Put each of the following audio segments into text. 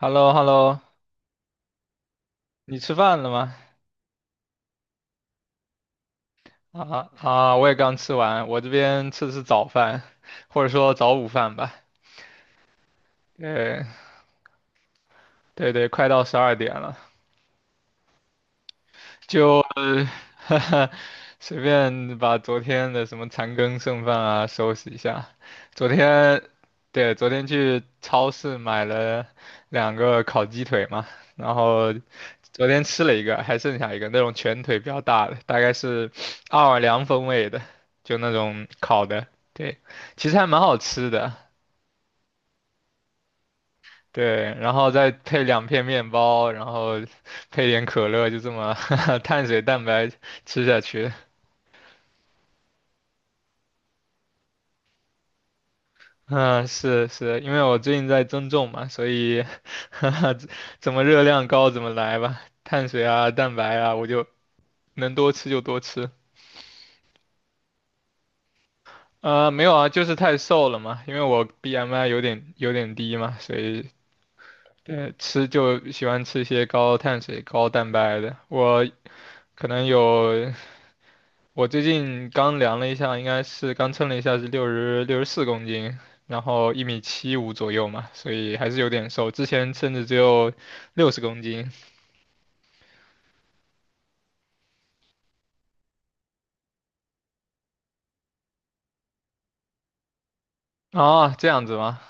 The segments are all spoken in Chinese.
h e l l o h e l l o 你吃饭了吗？我也刚吃完，我这边吃的是早饭，或者说早午饭吧。对对，快到12点了。就呃 随便把昨天的什么残羹剩饭啊收拾一下。昨天，对，昨天去超市买了2个烤鸡腿嘛，然后昨天吃了一个，还剩下一个那种全腿比较大的，大概是奥尔良风味的，就那种烤的。对，其实还蛮好吃的。对，然后再配两片面包，然后配点可乐，就这么 碳水蛋白吃下去。嗯，是，因为我最近在增重嘛，所以 哈哈，怎么热量高怎么来吧，碳水啊、蛋白啊，我就能多吃就多吃。啊、没有啊，就是太瘦了嘛，因为我 BMI 有点低嘛，所以对吃就喜欢吃一些高碳水、高蛋白的。我可能有我最近刚量了一下，应该是刚称了一下是六十四公斤，然后1米75左右嘛，所以还是有点瘦。之前甚至只有60公斤啊，这样子吗？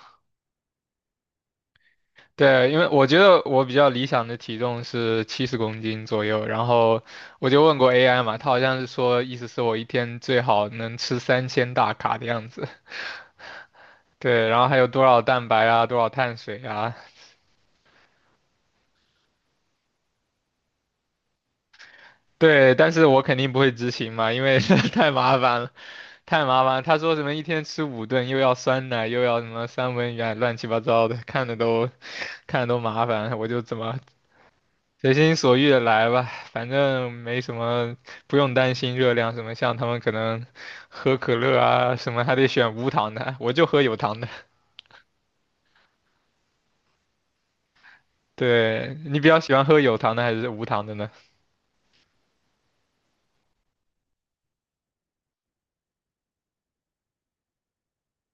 对，因为我觉得我比较理想的体重是70公斤左右，然后我就问过 AI 嘛，他好像是说意思是我一天最好能吃3000大卡的样子。对，然后还有多少蛋白啊，多少碳水啊？对，但是我肯定不会执行嘛，因为 太麻烦了。太麻烦了他说什么1天吃5顿，又要酸奶，又要什么三文鱼啊，乱七八糟的，看的都 看的都麻烦。我就怎么随心所欲的来吧，反正没什么，不用担心热量什么。像他们可能喝可乐啊什么，还得选无糖的，我就喝有糖的。对，你比较喜欢喝有糖的还是无糖的呢？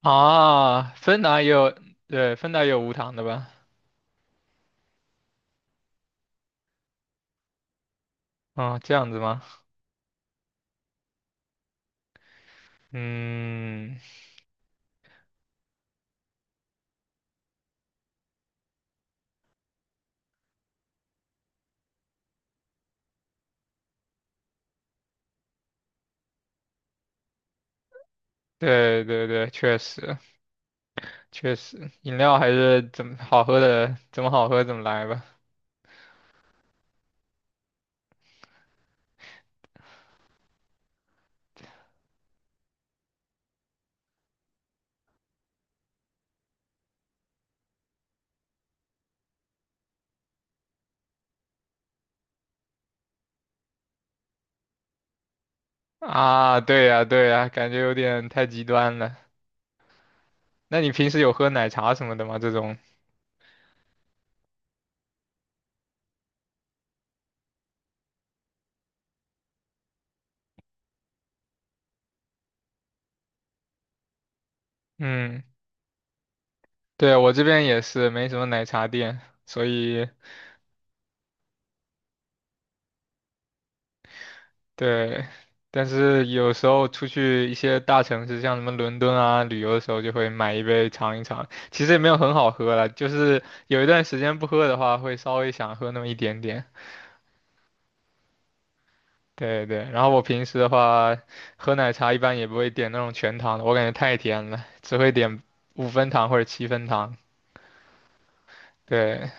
啊，芬达也有，对，芬达也有无糖的吧？啊，这样子吗？嗯，对对对，确实。确实，饮料还是怎么好喝的，怎么好喝怎么来吧。啊，对呀，对呀，感觉有点太极端了。那你平时有喝奶茶什么的吗？这种？嗯，对，我这边也是没什么奶茶店，所以对，但是有时候出去一些大城市，像什么伦敦啊，旅游的时候就会买一杯尝一尝。其实也没有很好喝了，就是有一段时间不喝的话，会稍微想喝那么一点点。对对，然后我平时的话，喝奶茶一般也不会点那种全糖的，我感觉太甜了，只会点5分糖或者7分糖。对，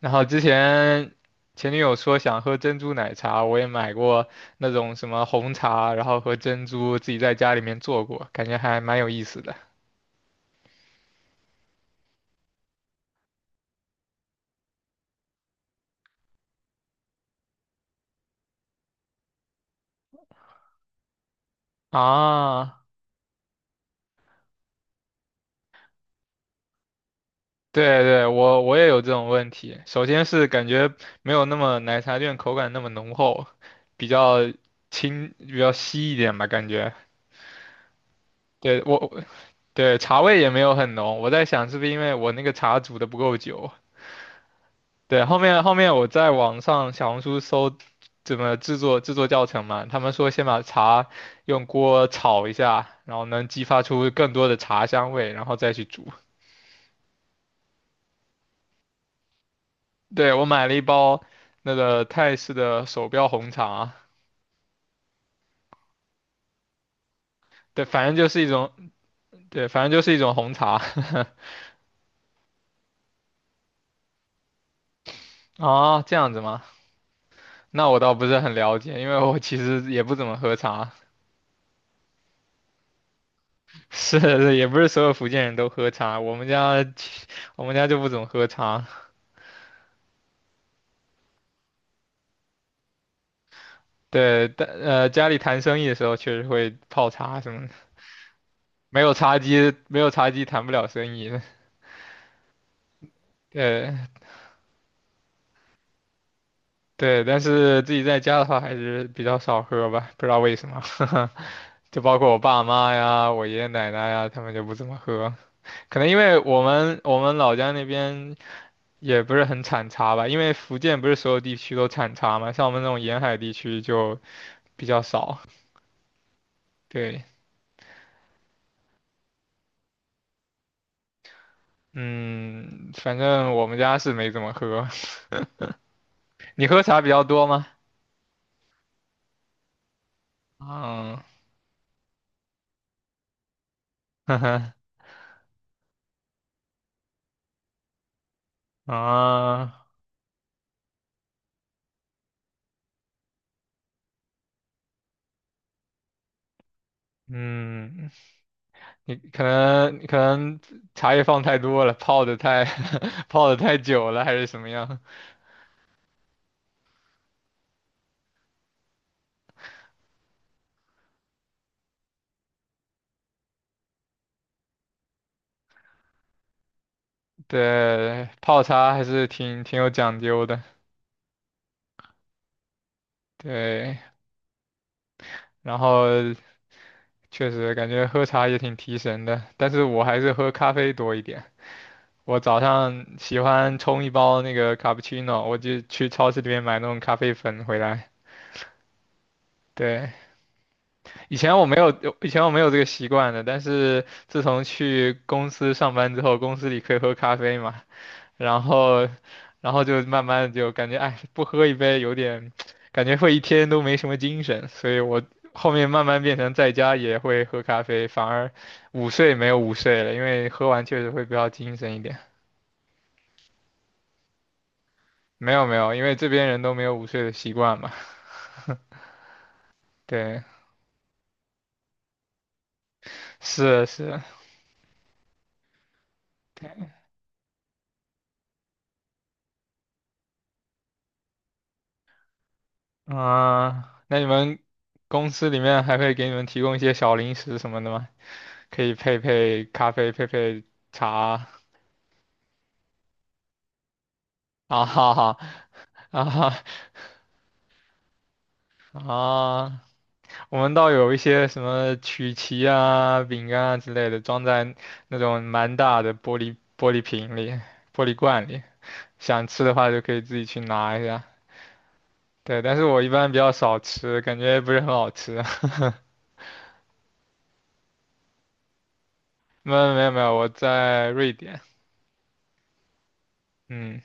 然后之前前女友说想喝珍珠奶茶，我也买过那种什么红茶，然后和珍珠自己在家里面做过，感觉还蛮有意思的。啊，对对，我也有这种问题。首先是感觉没有那么奶茶店口感那么浓厚，比较轻，比较稀一点吧，感觉。对，我对，茶味也没有很浓。我在想是不是因为我那个茶煮的不够久？对，后面我在网上小红书搜怎么制作教程嘛，他们说先把茶用锅炒一下，然后能激发出更多的茶香味，然后再去煮。对，我买了一包那个泰式的手标红茶，对，反正就是一种对，反正就是一种红茶。啊，这样子吗？那我倒不是很了解，因为我其实也不怎么喝茶。是是也不是所有福建人都喝茶，我们家就不怎么喝茶。对，但家里谈生意的时候确实会泡茶什么的，没有茶几谈不了生意。对对，但是自己在家的话还是比较少喝吧，不知道为什么。就包括我爸妈呀、我爷爷奶奶呀，他们就不怎么喝，可能因为我们老家那边也不是很产茶吧，因为福建不是所有地区都产茶嘛，像我们这种沿海地区就比较少。对，嗯，反正我们家是没怎么喝。你喝茶比较多吗？嗯，呵呵，啊，嗯，你可能茶叶放太多了，泡的太 泡的太久了，还是什么样？对，泡茶还是挺有讲究的。对，然后确实感觉喝茶也挺提神的，但是我还是喝咖啡多一点。我早上喜欢冲一包那个卡布奇诺，我就去超市里面买那种咖啡粉回来。对，以前我没有，以前我没有这个习惯的，但是自从去公司上班之后，公司里可以喝咖啡嘛，然后，然后就慢慢地就感觉，哎，不喝一杯有点，感觉会一天都没什么精神，所以我后面慢慢变成在家也会喝咖啡，反而午睡没有午睡了，因为喝完确实会比较精神一点。没有没有，因为这边人都没有午睡的习惯嘛。对，是是，对，啊，那你们公司里面还会给你们提供一些小零食什么的吗？可以配咖啡，配茶。啊哈哈啊哈啊！我们倒有一些什么曲奇啊、饼干啊之类的，装在那种蛮大的玻璃瓶里、玻璃罐里，想吃的话就可以自己去拿一下。对，但是我一般比较少吃，感觉不是很好吃。没有没有没有，我在瑞典。嗯，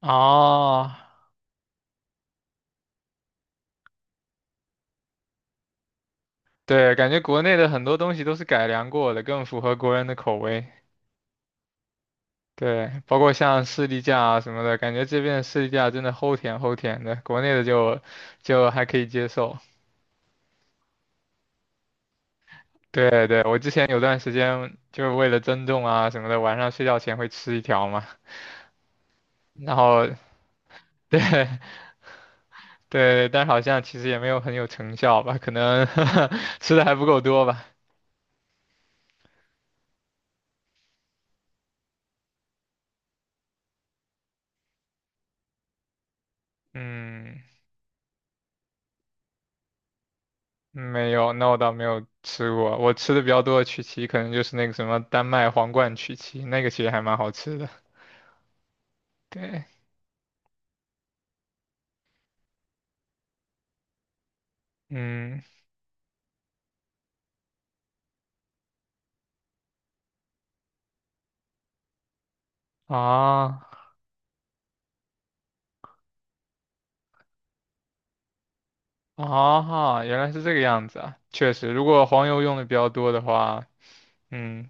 哦，对，感觉国内的很多东西都是改良过的，更符合国人的口味。对，包括像士力架啊什么的，感觉这边的士力架真的齁甜齁甜的，国内的就就还可以接受。对对，我之前有段时间就是为了增重啊什么的，晚上睡觉前会吃1条嘛，然后对 对，但是好像其实也没有很有成效吧，可能 吃的还不够多吧。嗯。没有，那我倒没有吃过。我吃的比较多的曲奇，可能就是那个什么丹麦皇冠曲奇，那个其实还蛮好吃的。对，嗯，啊啊，原来是这个样子啊。确实，如果黄油用的比较多的话，嗯，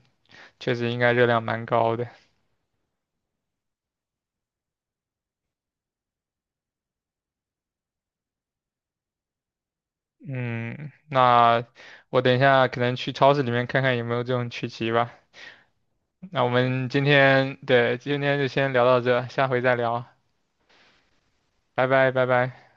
确实应该热量蛮高的。嗯，那我等一下可能去超市里面看看有没有这种曲奇吧。那我们今天，对，今天就先聊到这，下回再聊，拜拜，拜拜。